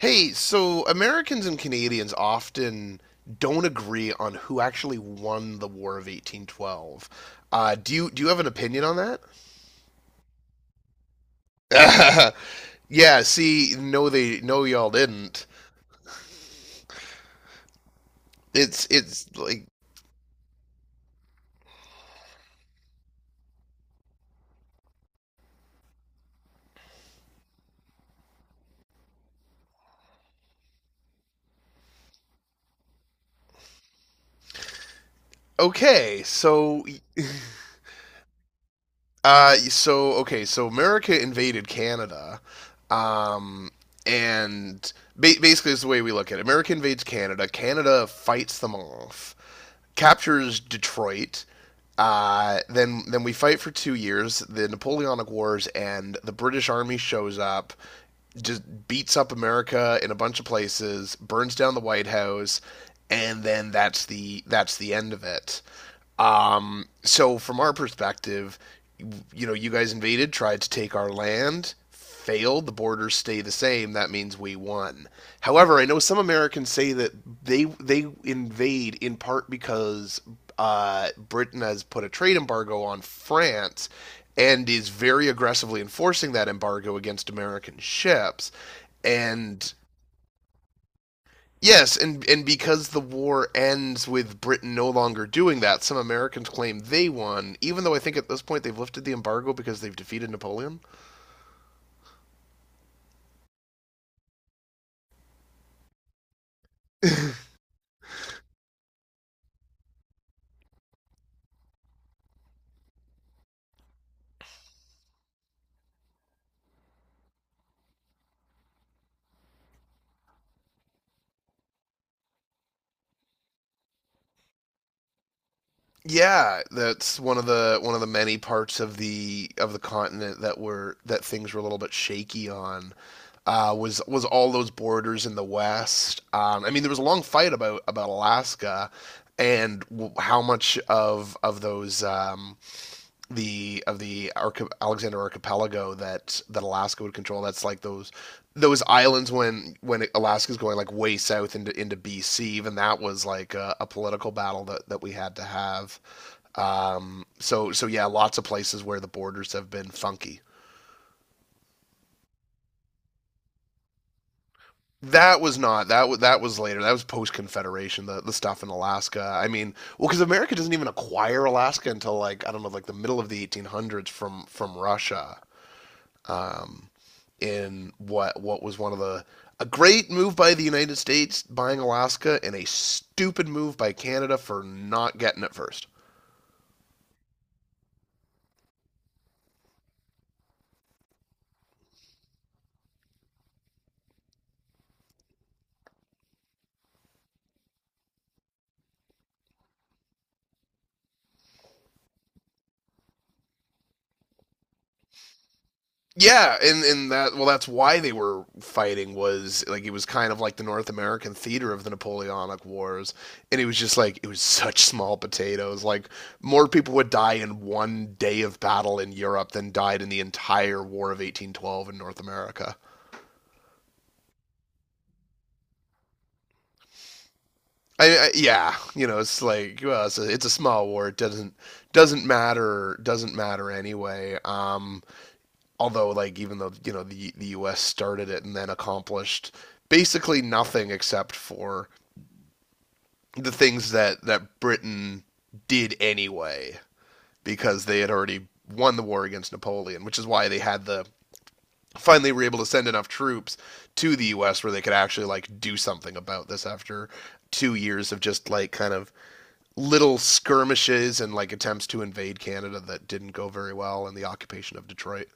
Hey, so Americans and Canadians often don't agree on who actually won the War of 1812. Do you do you have an opinion on that? Yeah, see, no y'all didn't. It's like okay, so America invaded Canada. Um and ba basically it's the way we look at it. America invades Canada, Canada fights them off, captures Detroit. Then we fight for 2 years. The Napoleonic Wars and the British Army shows up, just beats up America in a bunch of places, burns down the White House, and then that's the end of it. So from our perspective, you guys invaded, tried to take our land, failed. The borders stay the same. That means we won. However, I know some Americans say that they invade in part because Britain has put a trade embargo on France and is very aggressively enforcing that embargo against American ships. And yes, and because the war ends with Britain no longer doing that, some Americans claim they won, even though I think at this point they've lifted the embargo because they've defeated Napoleon. Yeah, that's one of the many parts of the continent that things were a little bit shaky on. Was all those borders in the west? I mean, there was a long fight about Alaska, and how much of the Alexander Archipelago that Alaska would control. That's like those islands when Alaska's going like way south into BC. Even that was like a political battle that we had to have. So, yeah, lots of places where the borders have been funky. That was not. That was later. That was post Confederation. The stuff in Alaska. I mean, well, because America doesn't even acquire Alaska until like I don't know, like the middle of the 1800s from Russia. Um, in what was one of the, a great move by the United States buying Alaska, and a stupid move by Canada for not getting it first. Yeah, and that's why they were fighting, was like it was kind of like the North American theater of the Napoleonic Wars, and it was just like it was such small potatoes, like more people would die in one day of battle in Europe than died in the entire War of 1812 in North America. I Yeah, it's like, well, it's a small war. It doesn't matter, anyway. Although, like, even though the U.S. started it and then accomplished basically nothing except for the things that Britain did anyway, because they had already won the war against Napoleon, which is why they had the finally were able to send enough troops to the US where they could actually like do something about this after 2 years of just like kind of little skirmishes and like attempts to invade Canada that didn't go very well, and the occupation of Detroit.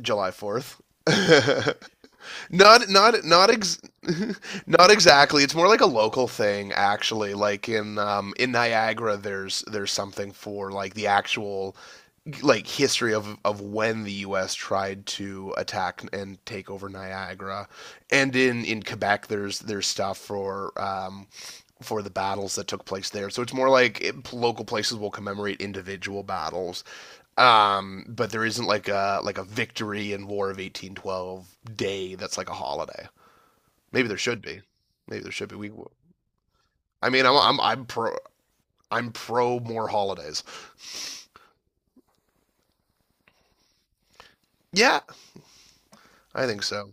July 4th. not not not ex- Not exactly. It's more like a local thing, actually. Like in Niagara, there's something for like the actual like history of when the US tried to attack and take over Niagara. And in Quebec, there's stuff for the battles that took place there. So it's more like, local places will commemorate individual battles, but there isn't like a victory in War of 1812-day that's like a holiday. Maybe there should be. Maybe there should be. I mean, I'm pro more holidays. Yeah, I think so.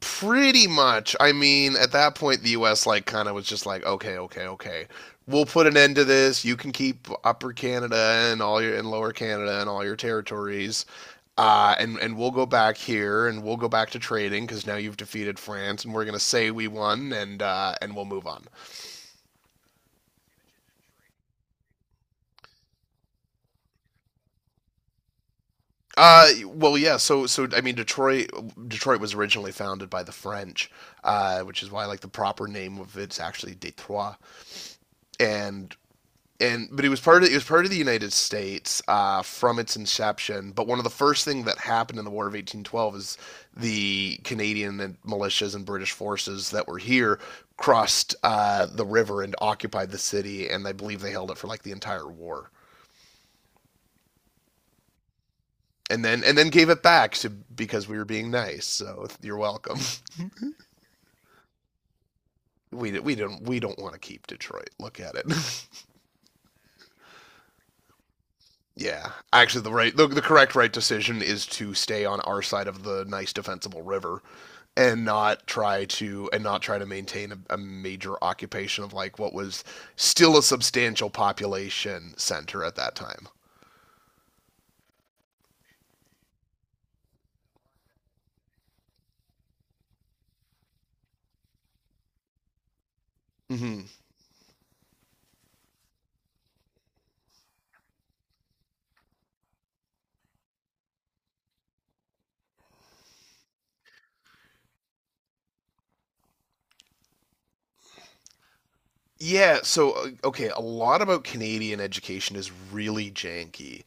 Pretty much. I mean, at that point, the U.S. like kind of was just like, okay, okay, okay. We'll put an end to this. You can keep Upper Canada and Lower Canada and all your territories. And we'll go back here, and we'll go back to trading because now you've defeated France, and we're gonna say we won, and we'll move on. Well, yeah. So, I mean, Detroit was originally founded by the French, which is why like the proper name of it's actually Detroit. And and but it was part of the United States, from its inception. But one of the first things that happened in the War of 1812 is the Canadian and militias and British forces that were here crossed the river and occupied the city, and I believe they held it for like the entire war. And then gave it back, to because we were being nice. So you're welcome. We don't want to keep Detroit. Look at it. Yeah, actually, the correct right decision is to stay on our side of the nice defensible river, and not try to maintain a major occupation of like what was still a substantial population center at that time. Mm-hmm. Yeah, so okay, a lot about Canadian education is really janky.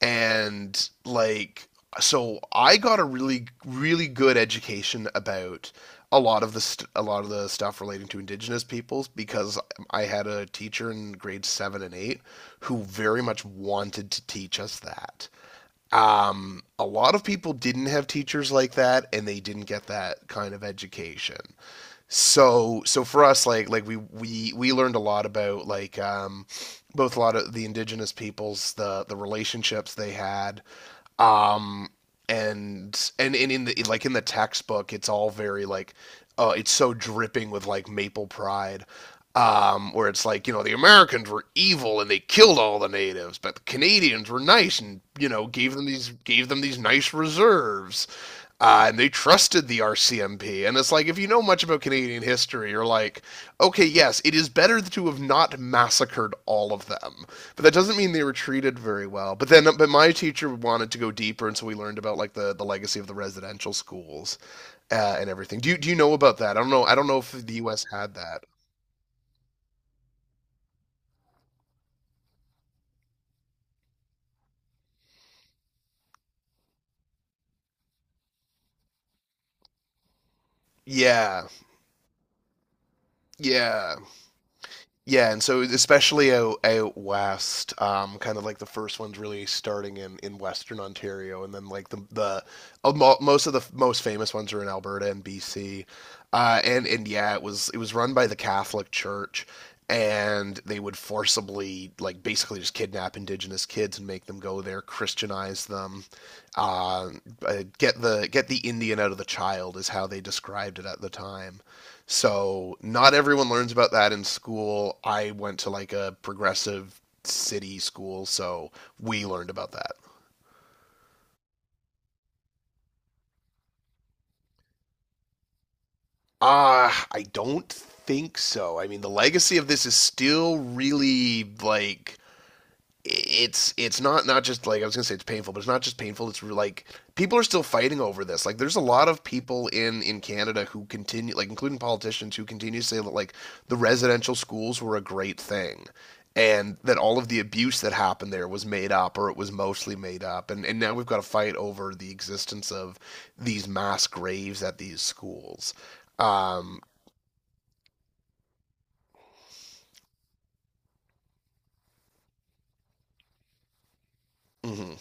And like, so I got a really really good education about a lot of the stuff relating to indigenous peoples because I had a teacher in grade 7 and 8 who very much wanted to teach us that. A lot of people didn't have teachers like that, and they didn't get that kind of education. So, for us, like, we learned a lot about both a lot of the indigenous peoples, the relationships they had, um and in the like in the textbook it's all very like, it's so dripping with like maple pride, where it's like the Americans were evil and they killed all the natives, but the Canadians were nice and gave them these nice reserves, and they trusted the RCMP. And it's like if you know much about Canadian history, you're like, okay, yes, it is better to have not massacred all of them. But that doesn't mean they were treated very well. But then, but my teacher wanted to go deeper, and so we learned about like the legacy of the residential schools, and everything. Do you know about that? I don't know. I don't know if the U.S. had that. Yeah, yeah. Yeah, and so especially out west, kind of like the first ones really starting in Western Ontario, and then like the most famous ones are in Alberta and BC, and yeah, it was run by the Catholic Church, and they would forcibly like basically just kidnap Indigenous kids and make them go there, Christianize them, uh, get the Indian out of the child is how they described it at the time. So not everyone learns about that in school. I went to like a progressive city school, so we learned about that. I don't think so. I mean, the legacy of this is still really like it's not just, like, I was gonna say it's painful, but it's not just painful. It's like people are still fighting over this. Like there's a lot of people in Canada who continue, like including politicians, who continue to say that like the residential schools were a great thing, and that all of the abuse that happened there was made up, or it was mostly made up. And now we've got to fight over the existence of these mass graves at these schools. Um, mhm.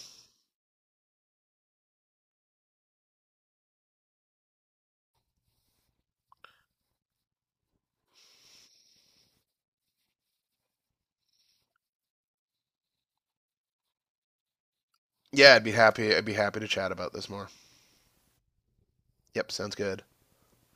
Yeah, I'd be happy. I'd be happy to chat about this more. Yep, sounds good.